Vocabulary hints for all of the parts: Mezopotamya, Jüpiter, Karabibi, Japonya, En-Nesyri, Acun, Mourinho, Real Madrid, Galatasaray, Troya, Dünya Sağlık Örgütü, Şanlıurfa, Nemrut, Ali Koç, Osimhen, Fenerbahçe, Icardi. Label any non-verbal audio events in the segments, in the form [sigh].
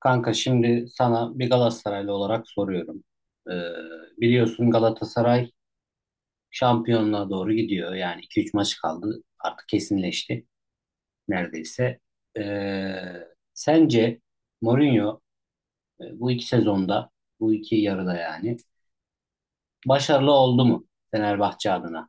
Kanka şimdi sana bir Galatasaraylı olarak soruyorum. Ee, Biliyorsun Galatasaray şampiyonluğa doğru gidiyor. Yani iki üç maç kaldı. Artık kesinleşti neredeyse. Ee, Sence Mourinho e, bu iki sezonda, bu iki yarıda yani başarılı oldu mu Fenerbahçe adına?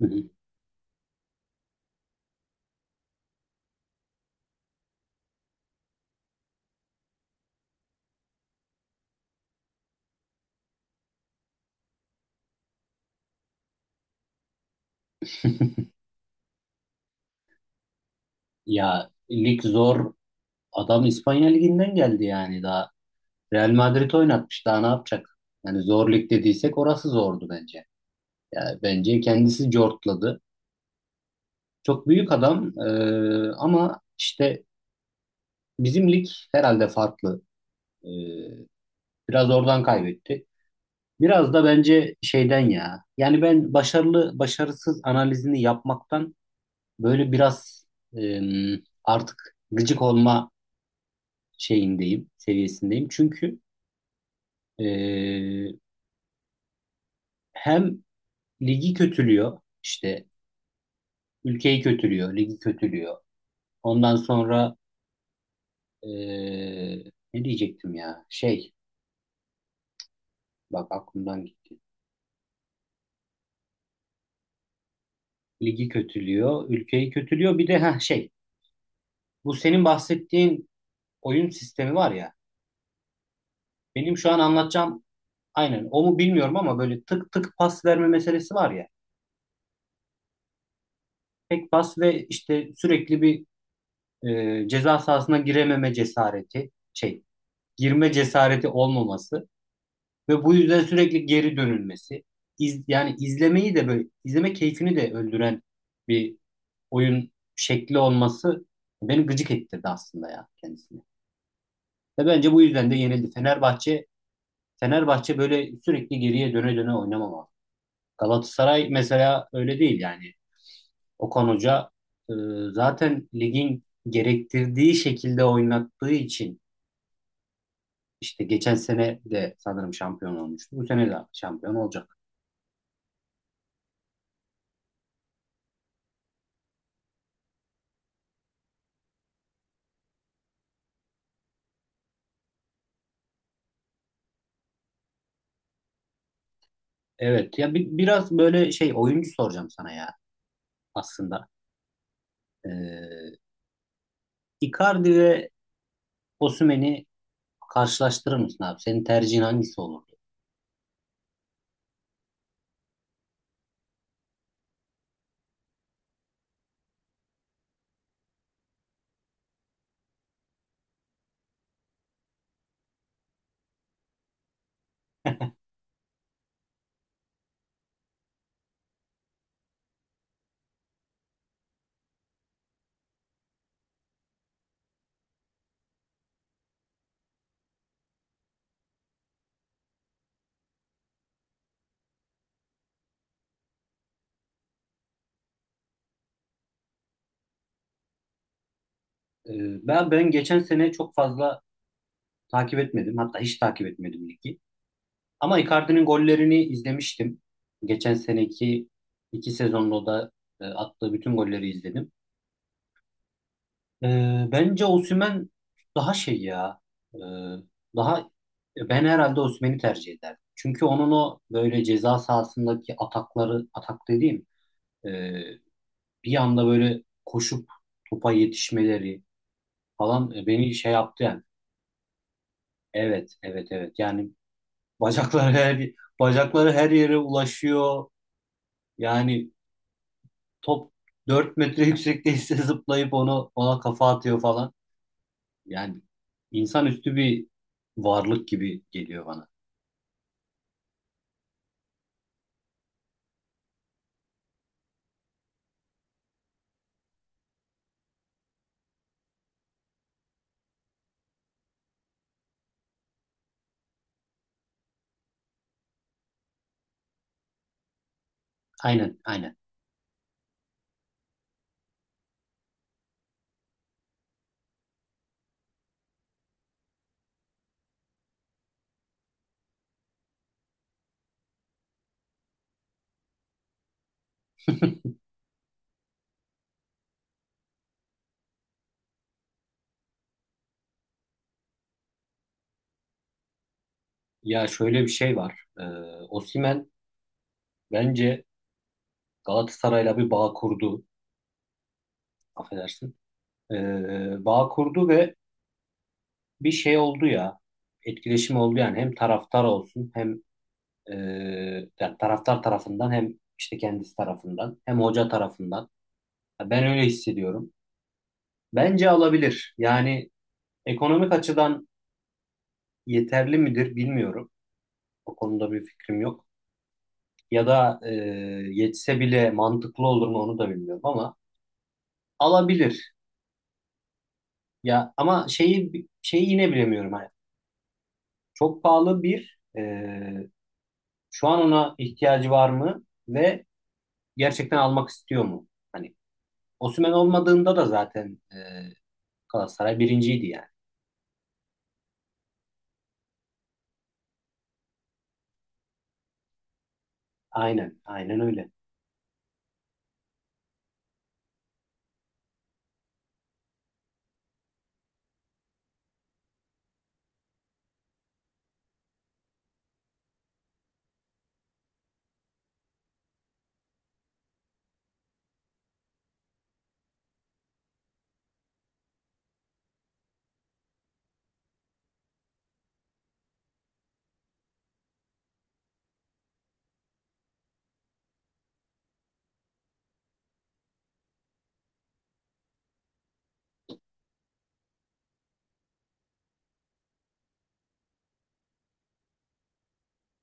Hı hı. [laughs] Ya lig zor. Adam İspanya liginden geldi yani daha. Real Madrid oynatmış daha ne yapacak? Yani zor lig dediysek orası zordu bence. Yani bence kendisi cortladı. Çok büyük adam ama işte bizim lig herhalde farklı. E, Biraz oradan kaybetti. Biraz da bence şeyden ya. Yani ben başarılı başarısız analizini yapmaktan böyle biraz e, artık gıcık olma şeyindeyim, seviyesindeyim. Çünkü e, hem ligi kötülüyor, işte ülkeyi kötülüyor, ligi kötülüyor. Ondan sonra Ee, ne diyecektim ya? Şey, bak aklımdan gitti. Ligi kötülüyor, ülkeyi kötülüyor. Bir de ha şey, bu senin bahsettiğin oyun sistemi var ya. Benim şu an anlatacağım aynen o mu bilmiyorum ama böyle tık tık pas verme meselesi var ya. Tek pas ve işte sürekli bir ceza sahasına girememe cesareti, şey, girme cesareti olmaması ve bu yüzden sürekli geri dönülmesi. Yani izlemeyi de böyle izleme keyfini de öldüren bir oyun şekli olması beni gıcık ettirdi aslında ya kendisini. Ve bence bu yüzden de yenildi. Fenerbahçe böyle sürekli geriye döne döne oynamamalı. Galatasaray mesela öyle değil yani. Okan Hoca e, zaten ligin gerektirdiği şekilde oynattığı için işte geçen sene de sanırım şampiyon olmuştu. Bu sene de şampiyon olacak. Evet ya biraz böyle şey oyuncu soracağım sana ya aslında. E, Icardi ve Osimhen'i karşılaştırır mısın abi? Senin tercihin hangisi olurdu? Ee, ben geçen sene çok fazla takip etmedim. Hatta hiç takip etmedim ligi. Ama Icardi'nin gollerini izlemiştim. Geçen seneki iki sezonda da attığı bütün golleri izledim. Bence Osimhen daha şey ya. e, Daha ben herhalde Osimhen'i tercih ederdim. Çünkü onun o böyle ceza sahasındaki atakları, atak dediğim e, bir anda böyle koşup topa yetişmeleri falan beni şey yaptı yani. Evet, evet, evet. Yani bacakları her bacakları her yere ulaşıyor. Yani top 4 metre yüksekteyse [laughs] zıplayıp ona kafa atıyor falan. Yani insanüstü bir varlık gibi geliyor bana. Aynen, aynen. Ya şöyle bir şey var. Osimhen bence Galatasaray'la bir bağ kurdu. Affedersin. Bağ kurdu ve bir şey oldu ya. Etkileşim oldu yani hem taraftar olsun hem e, yani taraftar tarafından hem işte kendisi tarafından hem hoca tarafından. Ya ben öyle hissediyorum. Bence alabilir. Yani ekonomik açıdan yeterli midir bilmiyorum. O konuda bir fikrim yok. Ya da yetse bile mantıklı olur mu onu da bilmiyorum ama alabilir. Ya ama şeyi yine bilemiyorum. Hani çok pahalı bir şu an ona ihtiyacı var mı? Ve gerçekten almak istiyor mu? Hani Osimhen olmadığında da zaten Galatasaray birinciydi yani. Aynen, aynen öyle.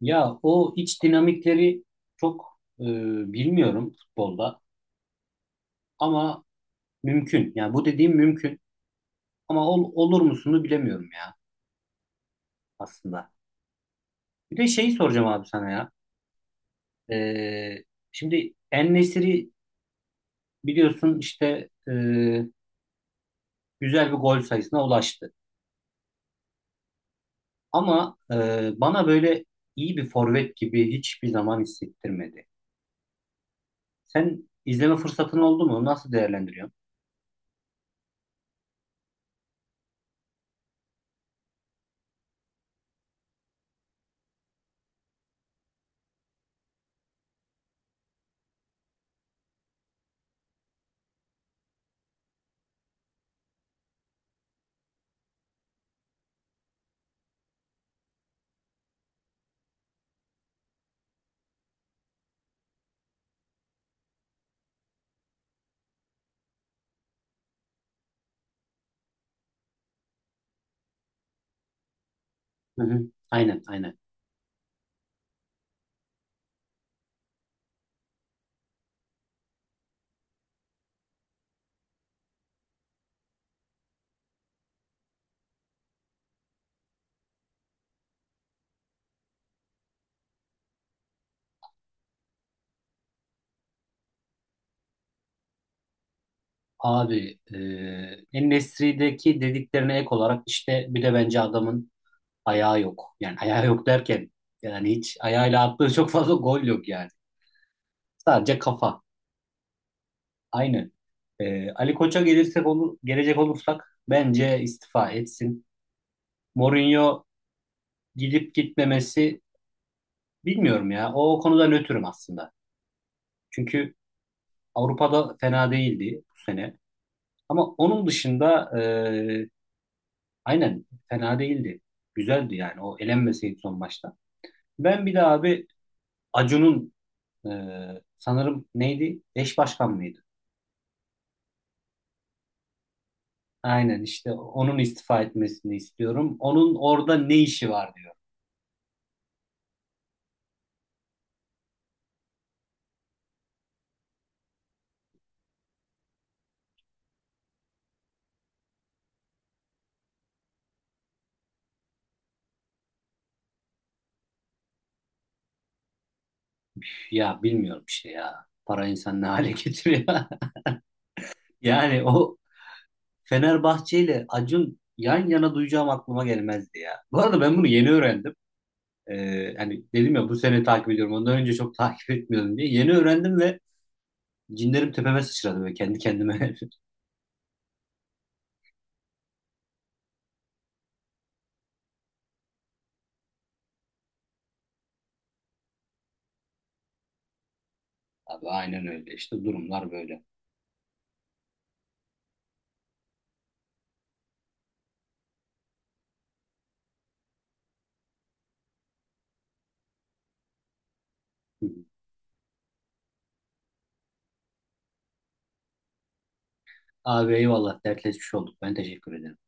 Ya o iç dinamikleri çok bilmiyorum futbolda ama mümkün. Yani bu dediğim mümkün ama olur musunu bilemiyorum ya aslında. Bir de şeyi soracağım abi sana ya. E, Şimdi En-Nesyri biliyorsun işte e, güzel bir gol sayısına ulaştı. Ama bana böyle iyi bir forvet gibi hiçbir zaman hissettirmedi. Sen izleme fırsatın oldu mu? Nasıl değerlendiriyorsun? Hı hı. Aynen, aynen. Abi, En-Nesyri'deki dediklerine ek olarak işte bir de bence adamın ayağı yok. Yani ayağı yok derken yani hiç ayağıyla attığı çok fazla gol yok yani. Sadece kafa. Aynen. Ali Koç'a gelecek olursak bence istifa etsin. Mourinho gidip gitmemesi, bilmiyorum ya. O konuda nötrüm aslında. Çünkü Avrupa'da fena değildi bu sene. Ama onun dışında aynen fena değildi. Güzeldi yani. O elenmeseydi son maçta. Ben bir de abi Acun'un e, sanırım neydi? Eş başkan mıydı? Aynen işte onun istifa etmesini istiyorum. Onun orada ne işi var diyor. Ya bilmiyorum işte ya. Para insan ne hale getiriyor. [laughs] Yani o Fenerbahçe ile Acun yan yana duyacağım aklıma gelmezdi ya. Bu arada ben bunu yeni öğrendim. Hani dedim ya bu sene takip ediyorum. Ondan önce çok [laughs] takip etmiyordum diye. Yeni öğrendim ve cinlerim tepeme sıçradı ve kendi kendime. [laughs] Abi aynen öyle. İşte durumlar böyle. Hı hı. Abi eyvallah dertleşmiş olduk. Ben teşekkür ederim.